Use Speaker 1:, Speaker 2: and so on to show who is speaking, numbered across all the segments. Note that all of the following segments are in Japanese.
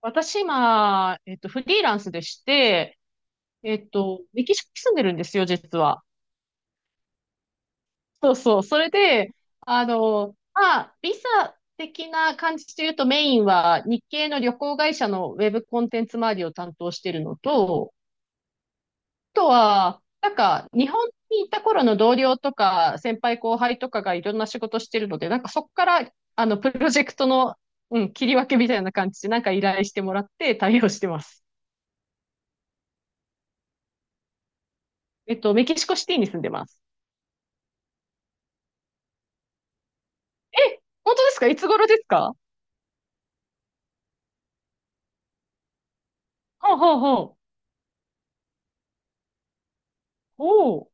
Speaker 1: 私今、フリーランスでして、メキシコに住んでるんですよ、実は。そうそう。それで、まあ、ビザ的な感じで言うとメインは日系の旅行会社のウェブコンテンツ周りを担当してるのと、あとは、日本に行った頃の同僚とか、先輩後輩とかがいろんな仕事してるので、そこから、プロジェクトの、うん、切り分けみたいな感じで、依頼してもらって対応してます。メキシコシティに住んでます。え、本当ですか？いつ頃ですか？はあ、はあ、はあ。おお。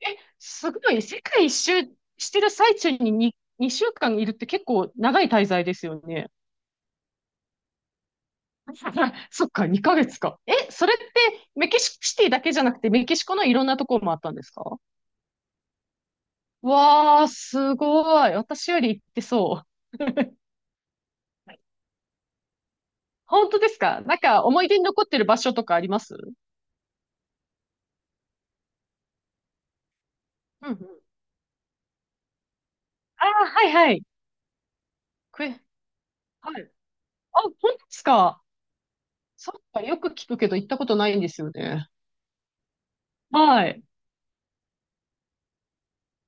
Speaker 1: え、すごい。世界一周してる最中に2週間いるって結構長い滞在ですよね。そっか、2ヶ月か。え、それってメキシコシティだけじゃなくてメキシコのいろんなところもあったんですか？わー、すごい。私より行ってそう。本当ですか？なんか思い出に残ってる場所とかあります？うんうん。ああはいはい。くえ、はい。あ、本当ですか？そっか、よく聞くけど行ったことないんですよね。はい。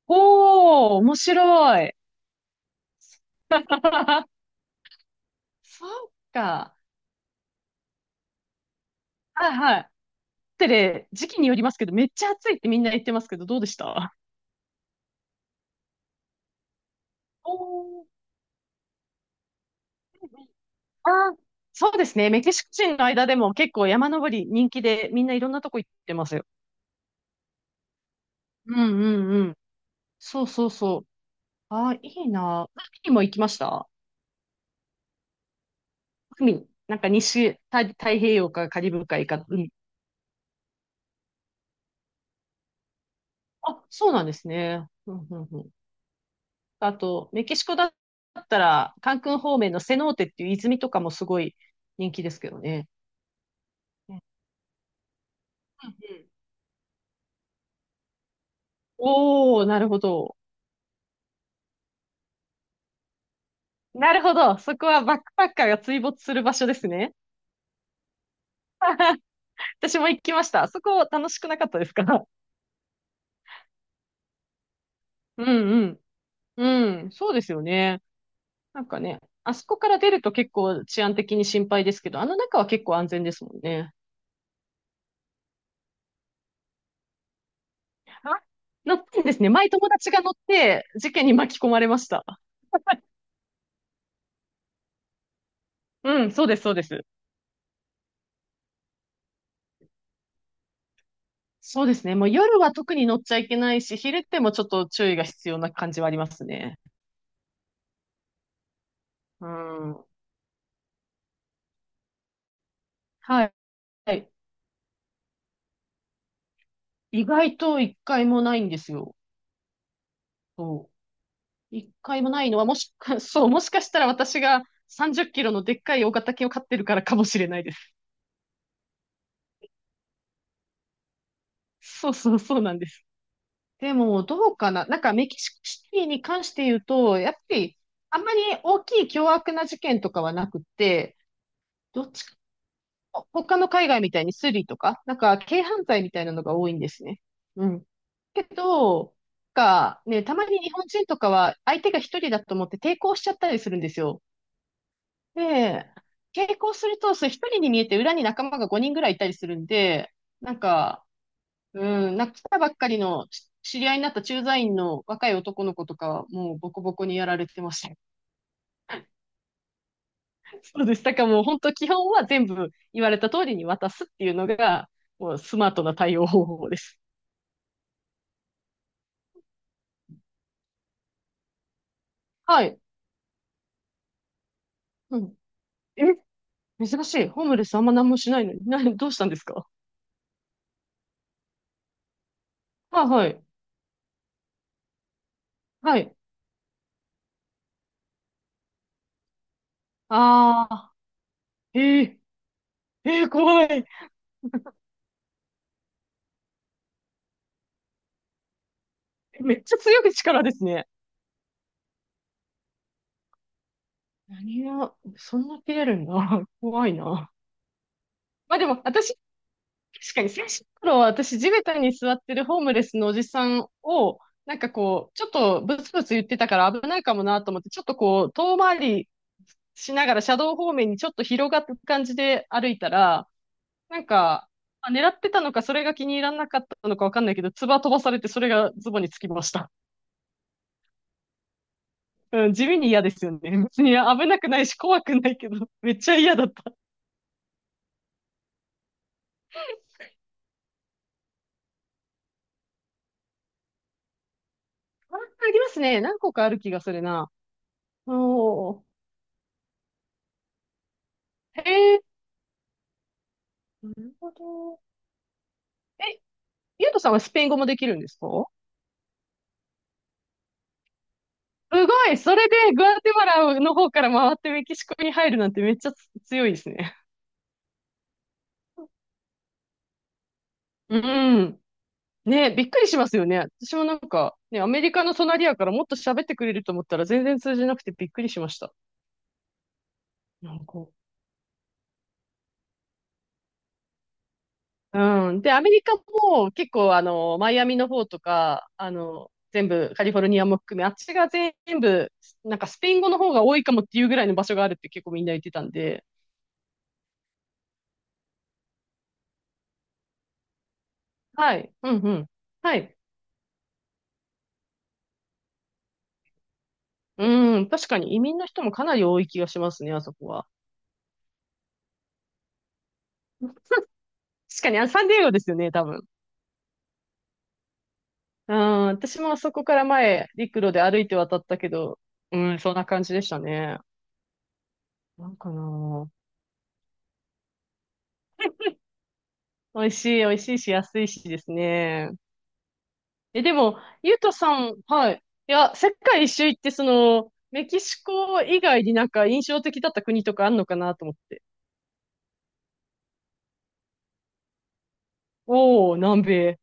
Speaker 1: おー、面白い。そうか。はいはい。ってね、時期によりますけど、めっちゃ暑いってみんな言ってますけど、どうでした？おー。あ、そうですね。メキシコ人の間でも結構山登り人気で、みんないろんなとこ行ってますよ。うんうんうん。そうそうそう。あ、いいな。海も行きました？海。なんか太平洋かカリブ海か海。あ、そうなんですね。うんうんうん。あと、メキシコだったら、カンクン方面のセノーテっていう泉とかもすごい人気ですけどね。うんうんうん。おー、なるほど。なるほど。そこはバックパッカーが追没する場所ですね。私も行きました。そこ楽しくなかったですか？うんうん。うん、そうですよね。なんかね、あそこから出ると結構治安的に心配ですけど、あの中は結構安全ですもんね。あ、乗ってんですね。前友達が乗って事件に巻き込まれました。うん、そうです、そうです。そうですね。もう夜は特に乗っちゃいけないし、昼ってもちょっと注意が必要な感じはありますね。うん。はい。はい、意外と一回もないんですよ。そう。一回もないのは、もしか、そう、もしかしたら私が30キロのでっかい大型犬を飼ってるからかもしれないです。そうそうそうなんです。でも、どうかな。なんかメキシコシティに関して言うと、やっぱり、あんまり大きい凶悪な事件とかはなくて、どっち他の海外みたいにスリとか、なんか軽犯罪みたいなのが多いんですね。うん。けど、なんかね、たまに日本人とかは相手が一人だと思って抵抗しちゃったりするんですよ。で、抵抗すると、それ一人に見えて裏に仲間が5人ぐらいいたりするんで、なんか、来たばっかりのし知り合いになった駐在員の若い男の子とかはもうボコボコにやられてますね。そうです。だからもう本当基本は全部言われた通りに渡すっていうのが、もうスマートな対応方法です。はい。うん。え、珍しい。ホームレスあんま何もしないのに。どうしたんですか？はいはい。はい。ああ、えええー怖い。めっちゃ強い力ですね。何が、そんな切れるんだ。怖いな。まあでも、私確かに最初の頃は私地べたに座ってるホームレスのおじさんを、なんかこう、ちょっとブツブツ言ってたから危ないかもなと思って、ちょっとこう、遠回りしながら車道方面にちょっと広がった感じで歩いたら、なんか、まあ狙ってたのか、それが気に入らなかったのかわかんないけど、唾飛ばされてそれがズボンにつきました。うん、地味に嫌ですよね。別に危なくないし怖くないけど、めっちゃ嫌だった。あ、ありますね。何個かある気がするな。おー。へえ。なるほど。ゆうとさんはスペイン語もできるんですか？すごいそれでグアテマラの方から回ってメキシコに入るなんてめっちゃ強いですね。うん。ね、びっくりしますよね。私もなんか、ね、アメリカの隣やからもっと喋ってくれると思ったら全然通じなくてびっくりしました。なんか、うん。で、アメリカも結構マイアミの方とか、全部カリフォルニアも含め、あっちが全部、なんかスペイン語の方が多いかもっていうぐらいの場所があるって結構みんな言ってたんで、はい。うんうん。はい。うん、確かに移民の人もかなり多い気がしますね、あそこは。確かに、あ、サンディエゴですよね、多分。うん、私もあそこから前、陸路で歩いて渡ったけど、うん、そんな感じでしたね。なんかなあ美味しい、美味しいし、安いしですね。え、でも、ゆうとさん、はい。いや、世界一周行って、その、メキシコ以外になんか印象的だった国とかあんのかなと思って。おー、南米。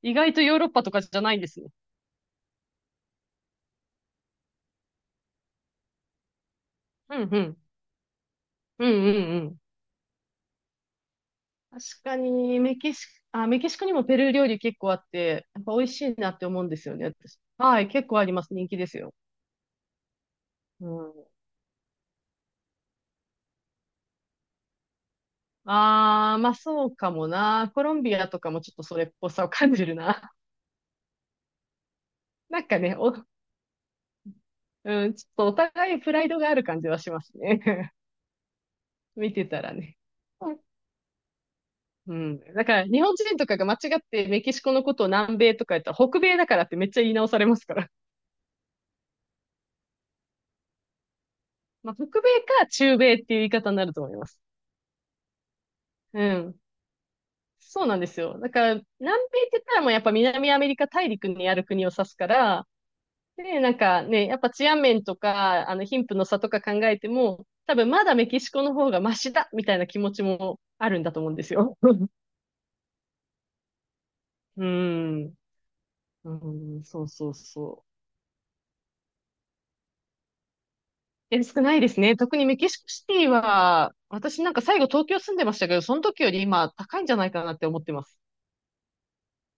Speaker 1: 意外とヨーロッパとかじゃないんですね。うんうん。うんうん。確かに、メキシコにもペルー料理結構あって、やっぱ美味しいなって思うんですよね、私。はい、結構あります。人気ですよ。うん。あー、まあそうかもな。コロンビアとかもちょっとそれっぽさを感じるな。なんかね、お、うん、ちょっとお互いプライドがある感じはしますね。見てたらね。うん。だから、日本人とかが間違ってメキシコのことを南米とか言ったら、北米だからってめっちゃ言い直されますから。まあ、北米か中米っていう言い方になると思います。うん。そうなんですよ。だから、南米って言ったらもうやっぱ南アメリカ大陸にある国を指すから、で、なんかね、やっぱ治安面とか、貧富の差とか考えても、多分まだメキシコの方がマシだみたいな気持ちもあるんだと思うんですよ。うん。うん、そうそうそう。え、少ないですね。特にメキシコシティは、私なんか最後東京住んでましたけど、その時より今高いんじゃないかなって思ってます。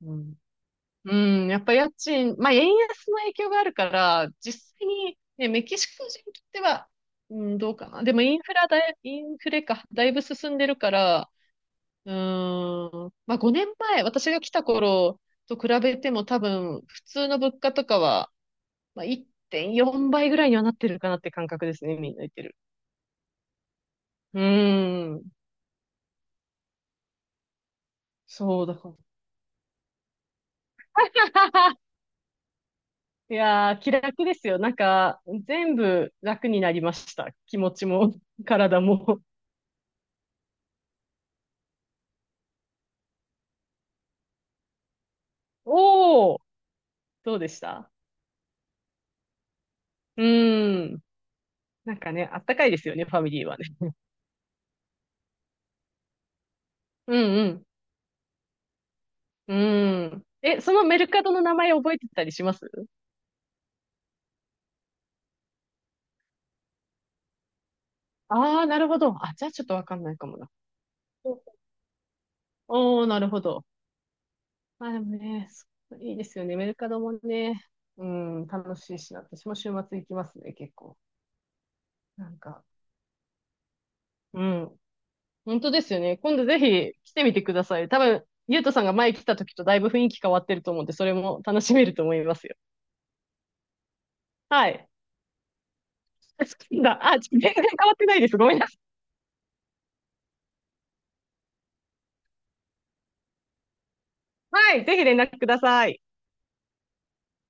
Speaker 1: うんうん、やっぱ家賃、まあ、円安の影響があるから、実際に、ね、メキシコ人にとっては、うん、どうかな。でもインフラだい、インフレか、だいぶ進んでるから、うーん、まあ、5年前、私が来た頃と比べても多分、普通の物価とかは、まあ、1.4倍ぐらいにはなってるかなって感覚ですね、みんな言ってる。うーん、そうだから。いやー、気楽ですよ。なんか、全部楽になりました。気持ちも、体も。おー、どうでした？うーん。なんかね、あったかいですよね、ファミリーはね。うんうん。うーん。え、そのメルカドの名前覚えてたりします？ああー、なるほど。あ、じゃあちょっとわかんないかもな。おー、なるほど。まあでもね、そういいですよね。メルカドもね、うん、楽しいしな。私も週末行きますね、結構。なんか、うん。本当ですよね。今度ぜひ来てみてください。多分、ゆうとさんが前来た時とだいぶ雰囲気変わってると思うんで、それも楽しめると思いますよ。はい。好きだ。あ、全然変わってないです。ごめんなさい。はい。ぜひ連絡ください。